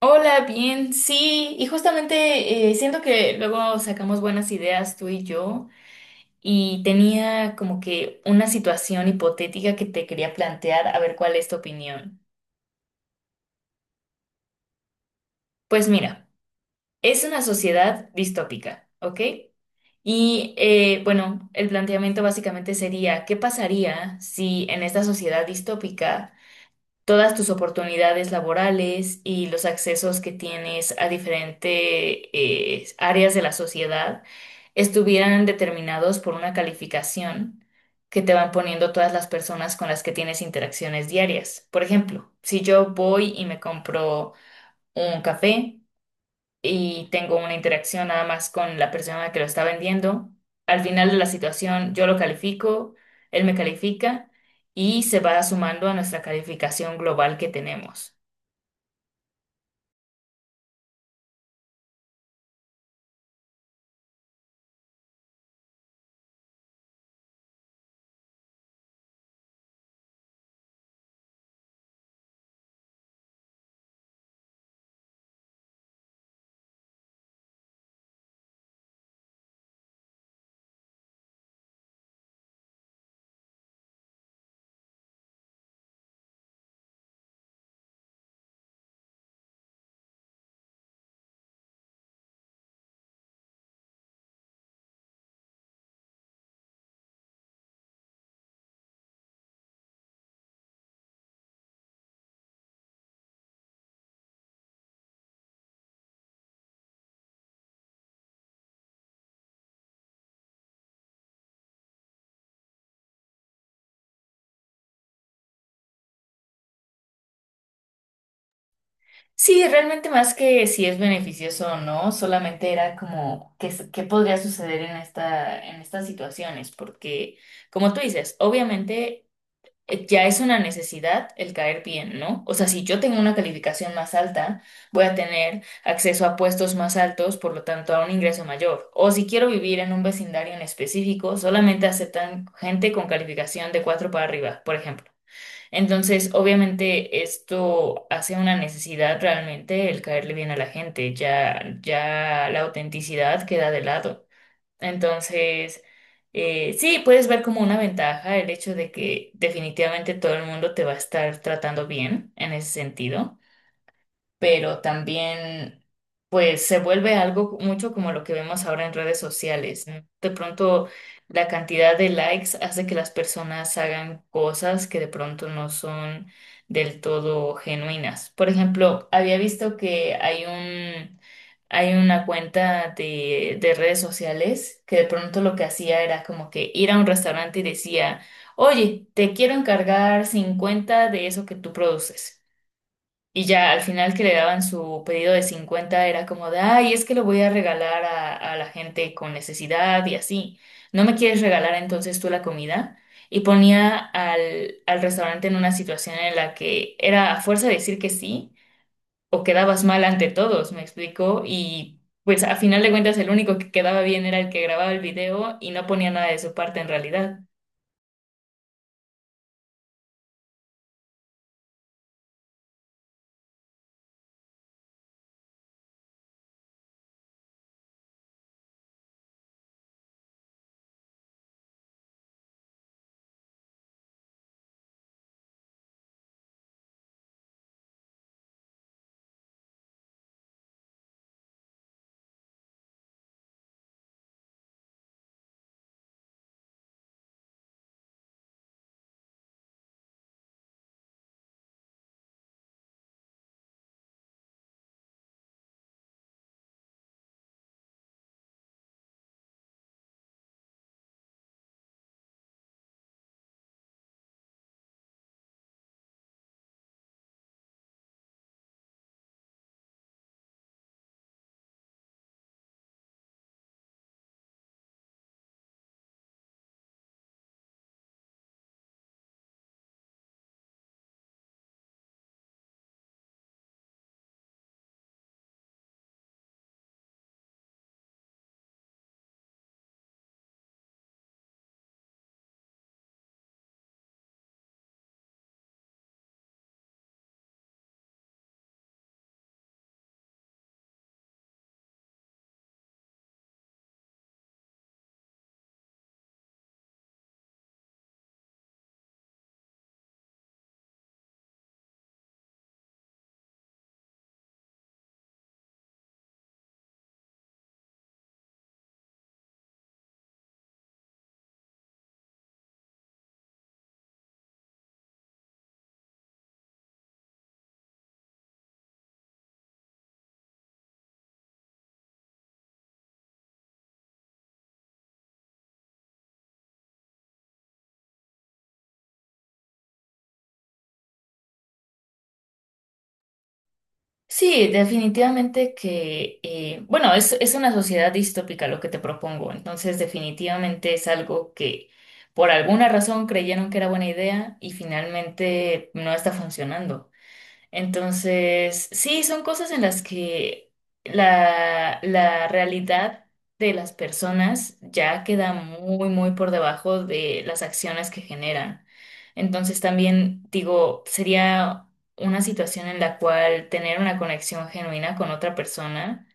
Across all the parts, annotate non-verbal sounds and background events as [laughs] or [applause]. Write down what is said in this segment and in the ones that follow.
Hola, bien, sí, y justamente siento que luego sacamos buenas ideas tú y yo, y tenía como que una situación hipotética que te quería plantear, a ver cuál es tu opinión. Pues mira, es una sociedad distópica, ¿ok? Y bueno, el planteamiento básicamente sería, ¿qué pasaría si en esta sociedad distópica todas tus oportunidades laborales y los accesos que tienes a diferentes áreas de la sociedad estuvieran determinados por una calificación que te van poniendo todas las personas con las que tienes interacciones diarias? Por ejemplo, si yo voy y me compro un café, y tengo una interacción nada más con la persona que lo está vendiendo. Al final de la situación, yo lo califico, él me califica y se va sumando a nuestra calificación global que tenemos. Sí, realmente más que si es beneficioso o no, solamente era como qué, qué podría suceder en esta, en estas situaciones, porque como tú dices, obviamente ya es una necesidad el caer bien, ¿no? O sea, si yo tengo una calificación más alta, voy a tener acceso a puestos más altos, por lo tanto, a un ingreso mayor. O si quiero vivir en un vecindario en específico, solamente aceptan gente con calificación de 4 para arriba, por ejemplo. Entonces, obviamente, esto hace una necesidad realmente el caerle bien a la gente, ya, ya la autenticidad queda de lado. Entonces, sí, puedes ver como una ventaja el hecho de que definitivamente todo el mundo te va a estar tratando bien en ese sentido, pero también pues se vuelve algo mucho como lo que vemos ahora en redes sociales, ¿no? De pronto la cantidad de likes hace que las personas hagan cosas que de pronto no son del todo genuinas. Por ejemplo, había visto que hay una cuenta de redes sociales que de pronto lo que hacía era como que ir a un restaurante y decía, oye, te quiero encargar 50 de eso que tú produces. Y ya al final que le daban su pedido de 50 era como de, ay, es que lo voy a regalar a la gente con necesidad y así. ¿No me quieres regalar entonces tú la comida? Y ponía al restaurante en una situación en la que era a fuerza de decir que sí o quedabas mal ante todos, me explicó. Y pues a final de cuentas el único que quedaba bien era el que grababa el video y no ponía nada de su parte en realidad. Sí, definitivamente que, bueno, es una sociedad distópica lo que te propongo, entonces definitivamente es algo que por alguna razón creyeron que era buena idea y finalmente no está funcionando. Entonces, sí, son cosas en las que la realidad de las personas ya queda muy, muy por debajo de las acciones que generan. Entonces, también digo, sería una situación en la cual tener una conexión genuina con otra persona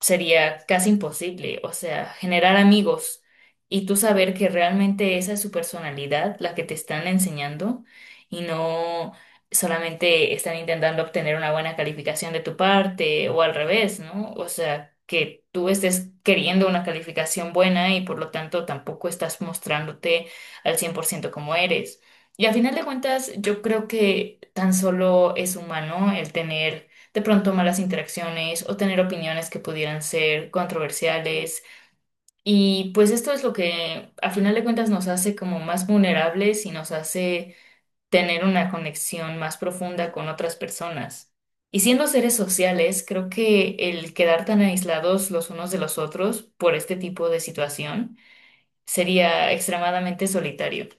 sería casi imposible, o sea, generar amigos y tú saber que realmente esa es su personalidad, la que te están enseñando y no solamente están intentando obtener una buena calificación de tu parte o al revés, ¿no? O sea, que tú estés queriendo una calificación buena y por lo tanto tampoco estás mostrándote al 100% como eres. Y a final de cuentas, yo creo que tan solo es humano el tener de pronto malas interacciones o tener opiniones que pudieran ser controversiales. Y pues esto es lo que a final de cuentas nos hace como más vulnerables y nos hace tener una conexión más profunda con otras personas. Y siendo seres sociales, creo que el quedar tan aislados los unos de los otros por este tipo de situación sería extremadamente solitario.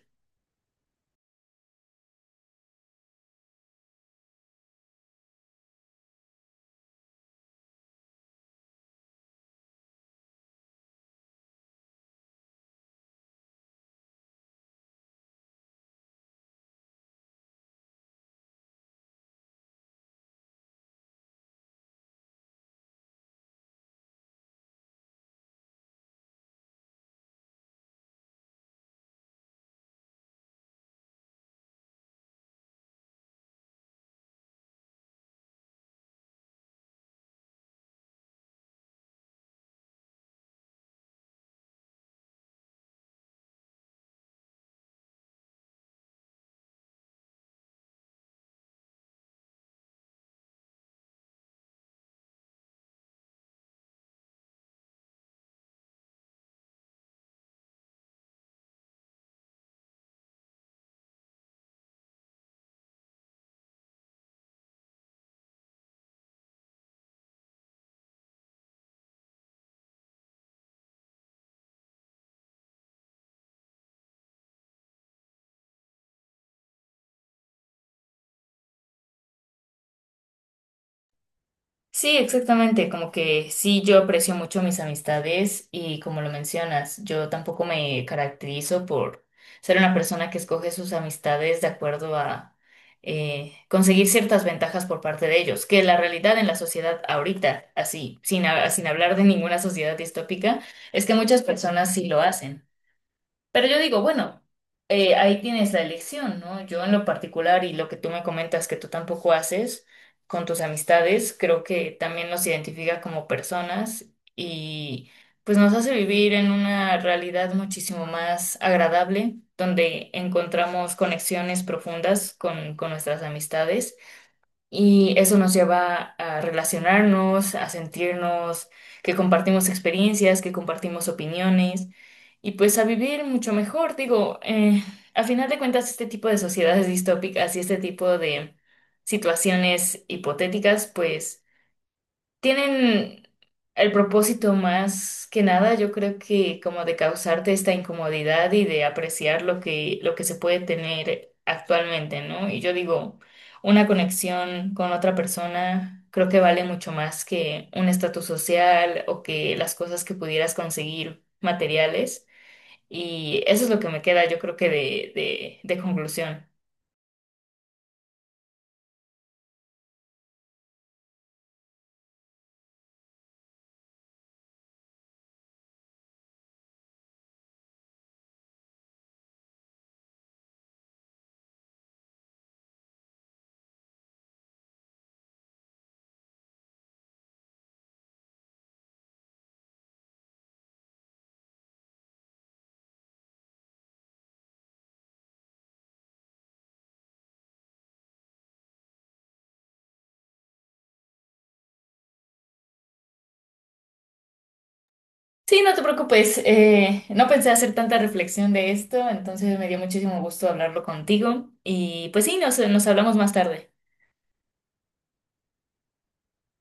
Sí, exactamente, como que sí, yo aprecio mucho mis amistades y como lo mencionas, yo tampoco me caracterizo por ser una persona que escoge sus amistades de acuerdo a conseguir ciertas ventajas por parte de ellos, que la realidad en la sociedad ahorita, así, sin hablar de ninguna sociedad distópica, es que muchas personas sí lo hacen. Pero yo digo, bueno, ahí tienes la elección, ¿no? Yo en lo particular y lo que tú me comentas que tú tampoco haces con tus amistades, creo que también nos identifica como personas y pues nos hace vivir en una realidad muchísimo más agradable, donde encontramos conexiones profundas con nuestras amistades. Y eso nos lleva a relacionarnos, a sentirnos que compartimos experiencias, que compartimos opiniones y pues a vivir mucho mejor. Digo, a final de cuentas, este tipo de sociedades [laughs] distópicas y este tipo de situaciones hipotéticas, pues tienen el propósito más que nada, yo creo que como de causarte esta incomodidad y de apreciar lo que se puede tener actualmente, ¿no? Y yo digo, una conexión con otra persona creo que vale mucho más que un estatus social o que las cosas que pudieras conseguir materiales. Y eso es lo que me queda, yo creo que de, de conclusión. Sí, no te preocupes. No pensé hacer tanta reflexión de esto, entonces me dio muchísimo gusto hablarlo contigo. Y pues sí, nos hablamos más tarde.